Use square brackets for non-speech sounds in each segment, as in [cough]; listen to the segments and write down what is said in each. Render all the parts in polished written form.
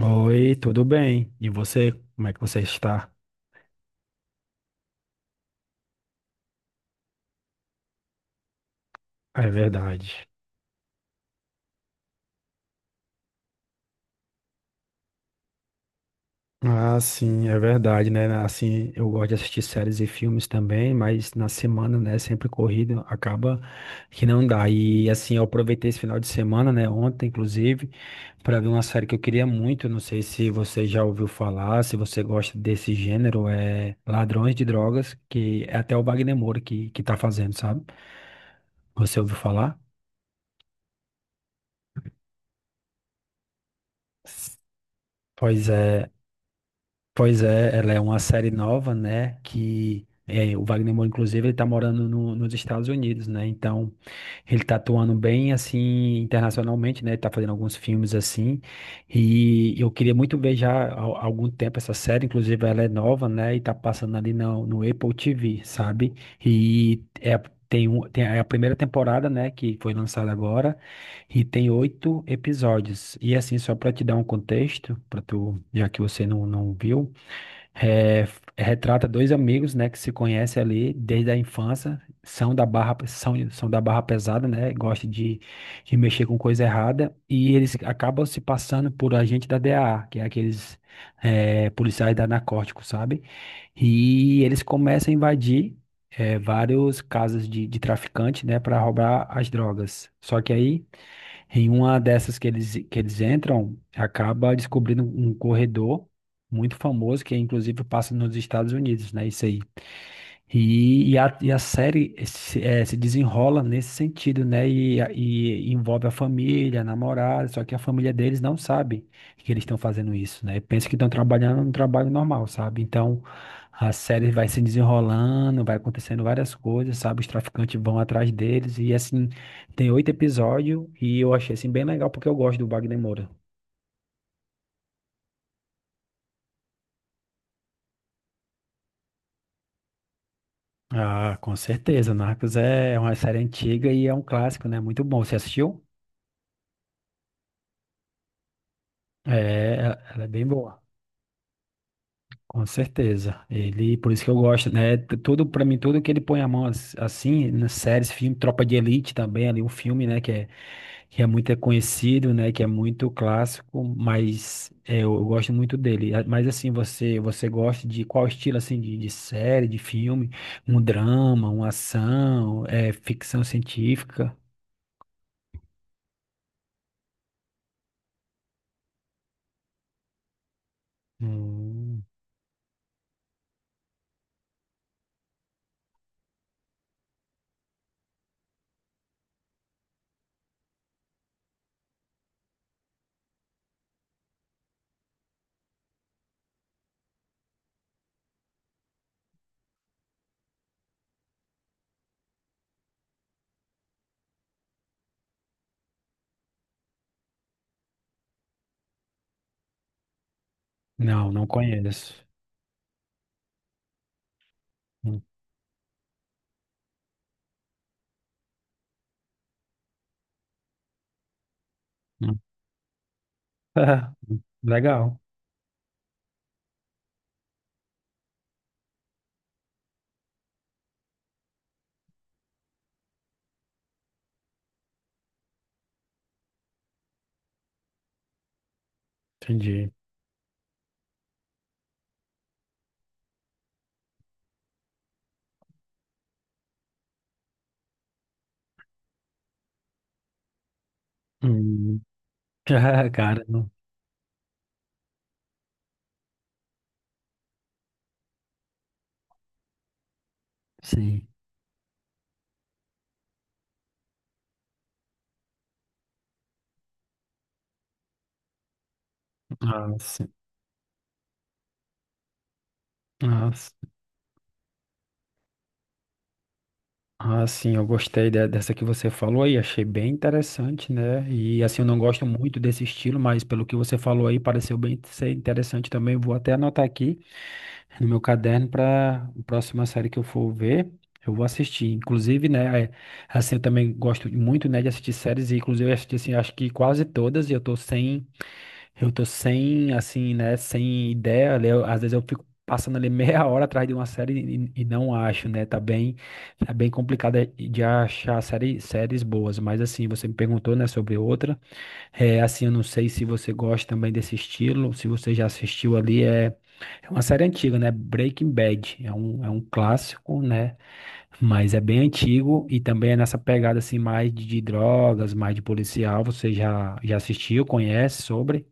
Oi, tudo bem? E você, como é que você está? É verdade. Ah, sim, é verdade, né? Assim, eu gosto de assistir séries e filmes também, mas na semana, né, sempre corrido, acaba que não dá. E assim, eu aproveitei esse final de semana, né, ontem inclusive, para ver uma série que eu queria muito, não sei se você já ouviu falar, se você gosta desse gênero, é Ladrões de Drogas, que é até o Wagner Moura que tá fazendo, sabe? Você ouviu falar? Pois é. Pois é, ela é uma série nova, né? Que é, o Wagner Moura, inclusive, ele tá morando nos Estados Unidos, né? Então, ele tá atuando bem, assim, internacionalmente, né? Ele tá fazendo alguns filmes, assim. E eu queria muito ver já há algum tempo essa série, inclusive, ela é nova, né? E tá passando ali no Apple TV, sabe? E é, tem, tem a primeira temporada, né? Que foi lançada agora. E tem 8 episódios. E assim, só para te dar um contexto, para tu, já que você não viu, é, retrata dois amigos, né, que se conhecem ali desde a infância, são da barra, são da barra pesada, né, de mexer com coisa errada, e eles acabam se passando por agente da DEA, que é aqueles policiais da narcótico, sabe? E eles começam a invadir vários casas de traficante, né, para roubar as drogas. Só que aí em uma dessas que eles entram, acaba descobrindo um corredor muito famoso, que inclusive passa nos Estados Unidos, né? Isso aí. E a série se, se desenrola nesse sentido, né? E envolve a família, a namorada, só que a família deles não sabe que eles estão fazendo isso, né? Pensa que estão trabalhando um trabalho normal, sabe? Então a série vai se desenrolando, vai acontecendo várias coisas, sabe? Os traficantes vão atrás deles, e assim, tem oito episódios, e eu achei assim bem legal porque eu gosto do Wagner Moura. Ah, com certeza. Narcos é uma série antiga e é um clássico, né? Muito bom. Você assistiu? É, ela é bem boa. Com certeza. Ele, por isso que eu gosto, né? Tudo para mim, tudo que ele põe a mão assim, nas séries, filme, Tropa de Elite também, ali um filme, que é muito conhecido, né, que é muito clássico, mas é, eu gosto muito dele. Mas assim, você gosta de qual estilo assim de série, de filme? Um drama, uma ação, é ficção científica? Hum, não, não conheço. Hum, hum. [laughs] Legal. Entendi. Hum. [laughs] Cara, sim. Ah, sim. Ah, sim, ah, sim, eu gostei dessa que você falou aí, achei bem interessante, né? E assim, eu não gosto muito desse estilo, mas pelo que você falou aí, pareceu bem ser interessante também. Vou até anotar aqui no meu caderno para a próxima série que eu for ver, eu vou assistir. Inclusive, assim, eu também gosto muito, né, de assistir séries, e inclusive eu assisti, assim, acho que quase todas, e eu tô sem. Eu tô sem, assim, né, sem ideia, né, às vezes eu fico passando ali [laughs] meia hora atrás de uma série e não acho, né, tá bem complicado de achar série, séries boas, mas assim, você me perguntou, né, sobre outra, assim, eu não sei se você gosta também desse estilo, se você já assistiu ali, é uma série antiga, né, Breaking Bad, é um clássico, né, mas é bem antigo e também é nessa pegada, assim, de drogas, mais de policial, já assistiu, conhece sobre?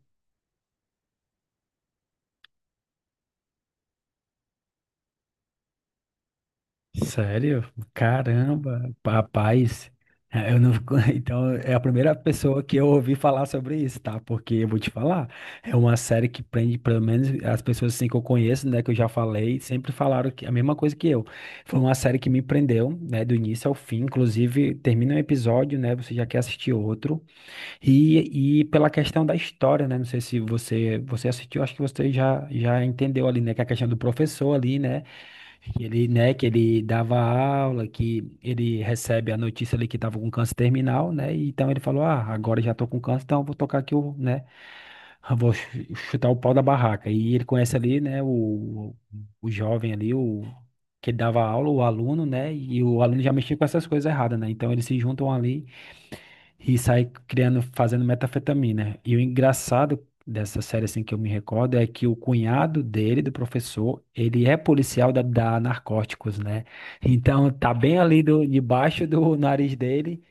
Sério? Caramba, rapaz. É, eu não, [laughs] então, é a primeira pessoa que eu ouvi falar sobre isso, tá? Porque eu vou te falar, é uma série que prende, pelo menos as pessoas assim que eu conheço, né, que eu já falei, sempre falaram que, a mesma coisa que eu. Foi uma série que me prendeu, né, do início ao fim. Inclusive, termina um episódio, né, você já quer assistir outro. E pela questão da história, né, não sei se você, você assistiu, acho que você já, já entendeu ali, né, que é a questão do professor ali, né, que ele dava aula, que ele recebe a notícia ali que estava com câncer terminal, né? E então ele falou: "Ah, agora já tô com câncer, então eu vou tocar aqui o, né, eu vou chutar o pau da barraca". E ele conhece ali, né, o jovem ali, o que dava aula, o aluno, né? E o aluno já mexia com essas coisas erradas, né? Então eles se juntam ali e sai criando, fazendo metafetamina. E o engraçado dessa série, assim, que eu me recordo é que o cunhado dele, do professor, ele é policial da Narcóticos, né? Então tá bem ali do, debaixo do nariz dele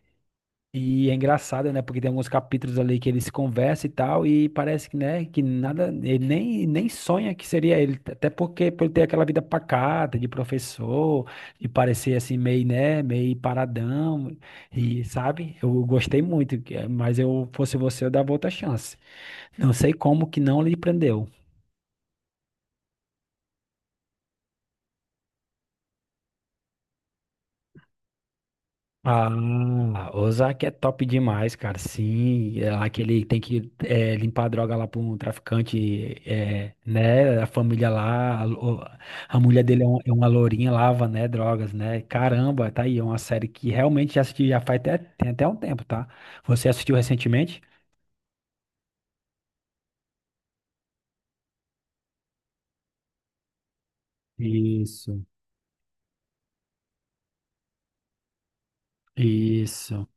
e é engraçado, né? Porque tem alguns capítulos ali que eles conversam e tal, e parece que, né, que nada, ele nem, nem sonha que seria ele, até porque por ele ter aquela vida pacata de professor, e parecer assim meio, né, meio paradão, e sabe? Eu gostei muito, mas eu fosse você, eu dava outra chance. Não sei como que não lhe prendeu. Ah, Ozark é top demais, cara. Sim, é lá que ele tem que é, limpar a droga lá para um traficante, é, né? A família lá, a, a mulher dele é, é uma lourinha, lava, né? Drogas, né? Caramba, tá aí. É uma série que realmente já assisti, já faz até, tem até um tempo, tá? Você assistiu recentemente? Isso, isso.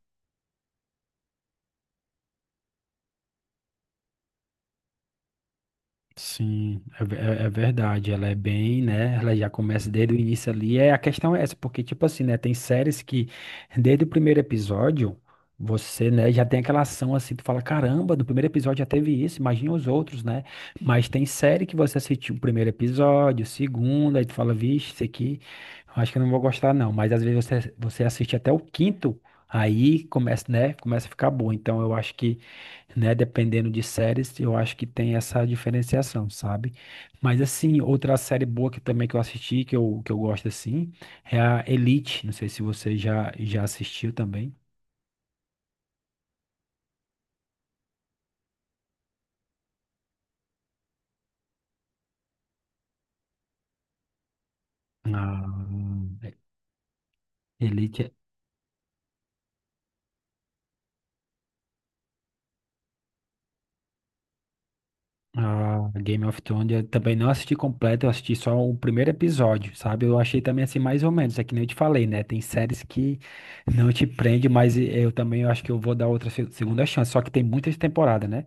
Sim, é, é verdade. Ela é bem, né? Ela já começa desde o início ali. É, a questão é essa, porque, tipo assim, né? Tem séries que, desde o primeiro episódio, você, né, já tem aquela ação assim, tu fala, caramba, do primeiro episódio já teve isso, imagina os outros, né? Mas tem série que você assistiu o primeiro episódio, o segundo, aí tu fala, vixe, isso aqui, eu acho que eu não vou gostar, não. Mas às vezes você, você assiste até o quinto, aí começa, né? Começa a ficar bom. Então eu acho que né? Dependendo de séries, eu acho que tem essa diferenciação, sabe? Mas assim, outra série boa que também que eu assisti, que eu gosto assim, é a Elite. Não sei se você já, já assistiu também. Ah, Elite, ah, Game of Thrones, eu também não assisti completo, eu assisti só o primeiro episódio, sabe? Eu achei também assim, mais ou menos, é que nem eu te falei, né? Tem séries que não te prende, mas eu também eu acho que eu vou dar outra segunda chance, só que tem muitas temporadas, né?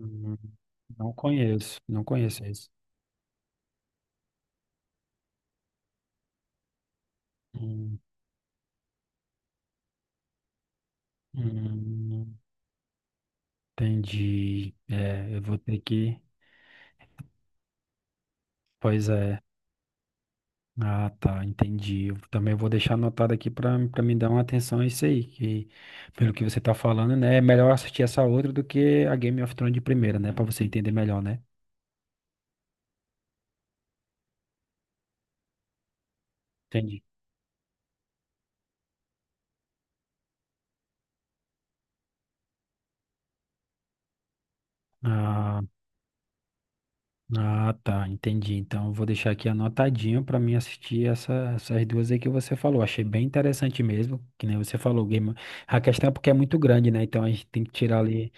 Hum, não conheço, não conheço esse. Hum, hum, entendi. É, eu vou ter que. Pois é. Ah, tá, entendi. Eu também vou deixar anotado aqui para me dar uma atenção a isso aí, que pelo que você tá falando, né, é melhor assistir essa outra do que a Game of Thrones de primeira, né, para você entender melhor, né? Entendi. Ah, ah, tá, entendi. Então, eu vou deixar aqui anotadinho para mim assistir essas duas aí que você falou. Achei bem interessante mesmo, que nem você falou, game. A questão é porque é muito grande, né? Então a gente tem que tirar ali,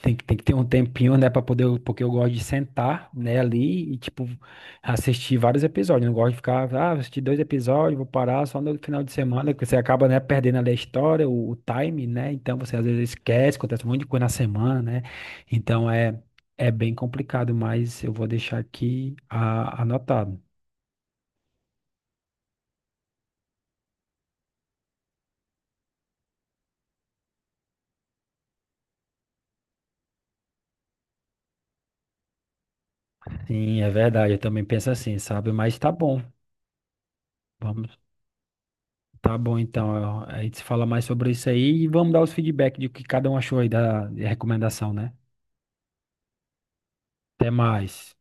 tem que ter um tempinho, né, para poder, porque eu gosto de sentar, né, ali e tipo assistir vários episódios. Não gosto de ficar, ah, vou assistir dois episódios, vou parar só no final de semana, que você acaba, né, perdendo ali a história, o time, né? Então você às vezes esquece, acontece um monte de coisa na semana, né? Então é, é bem complicado, mas eu vou deixar aqui anotado. Sim, é verdade, eu também penso assim, sabe? Mas tá bom, vamos. Tá bom, então. A gente se fala mais sobre isso aí e vamos dar os feedback de o que cada um achou aí da recomendação, né? Até mais.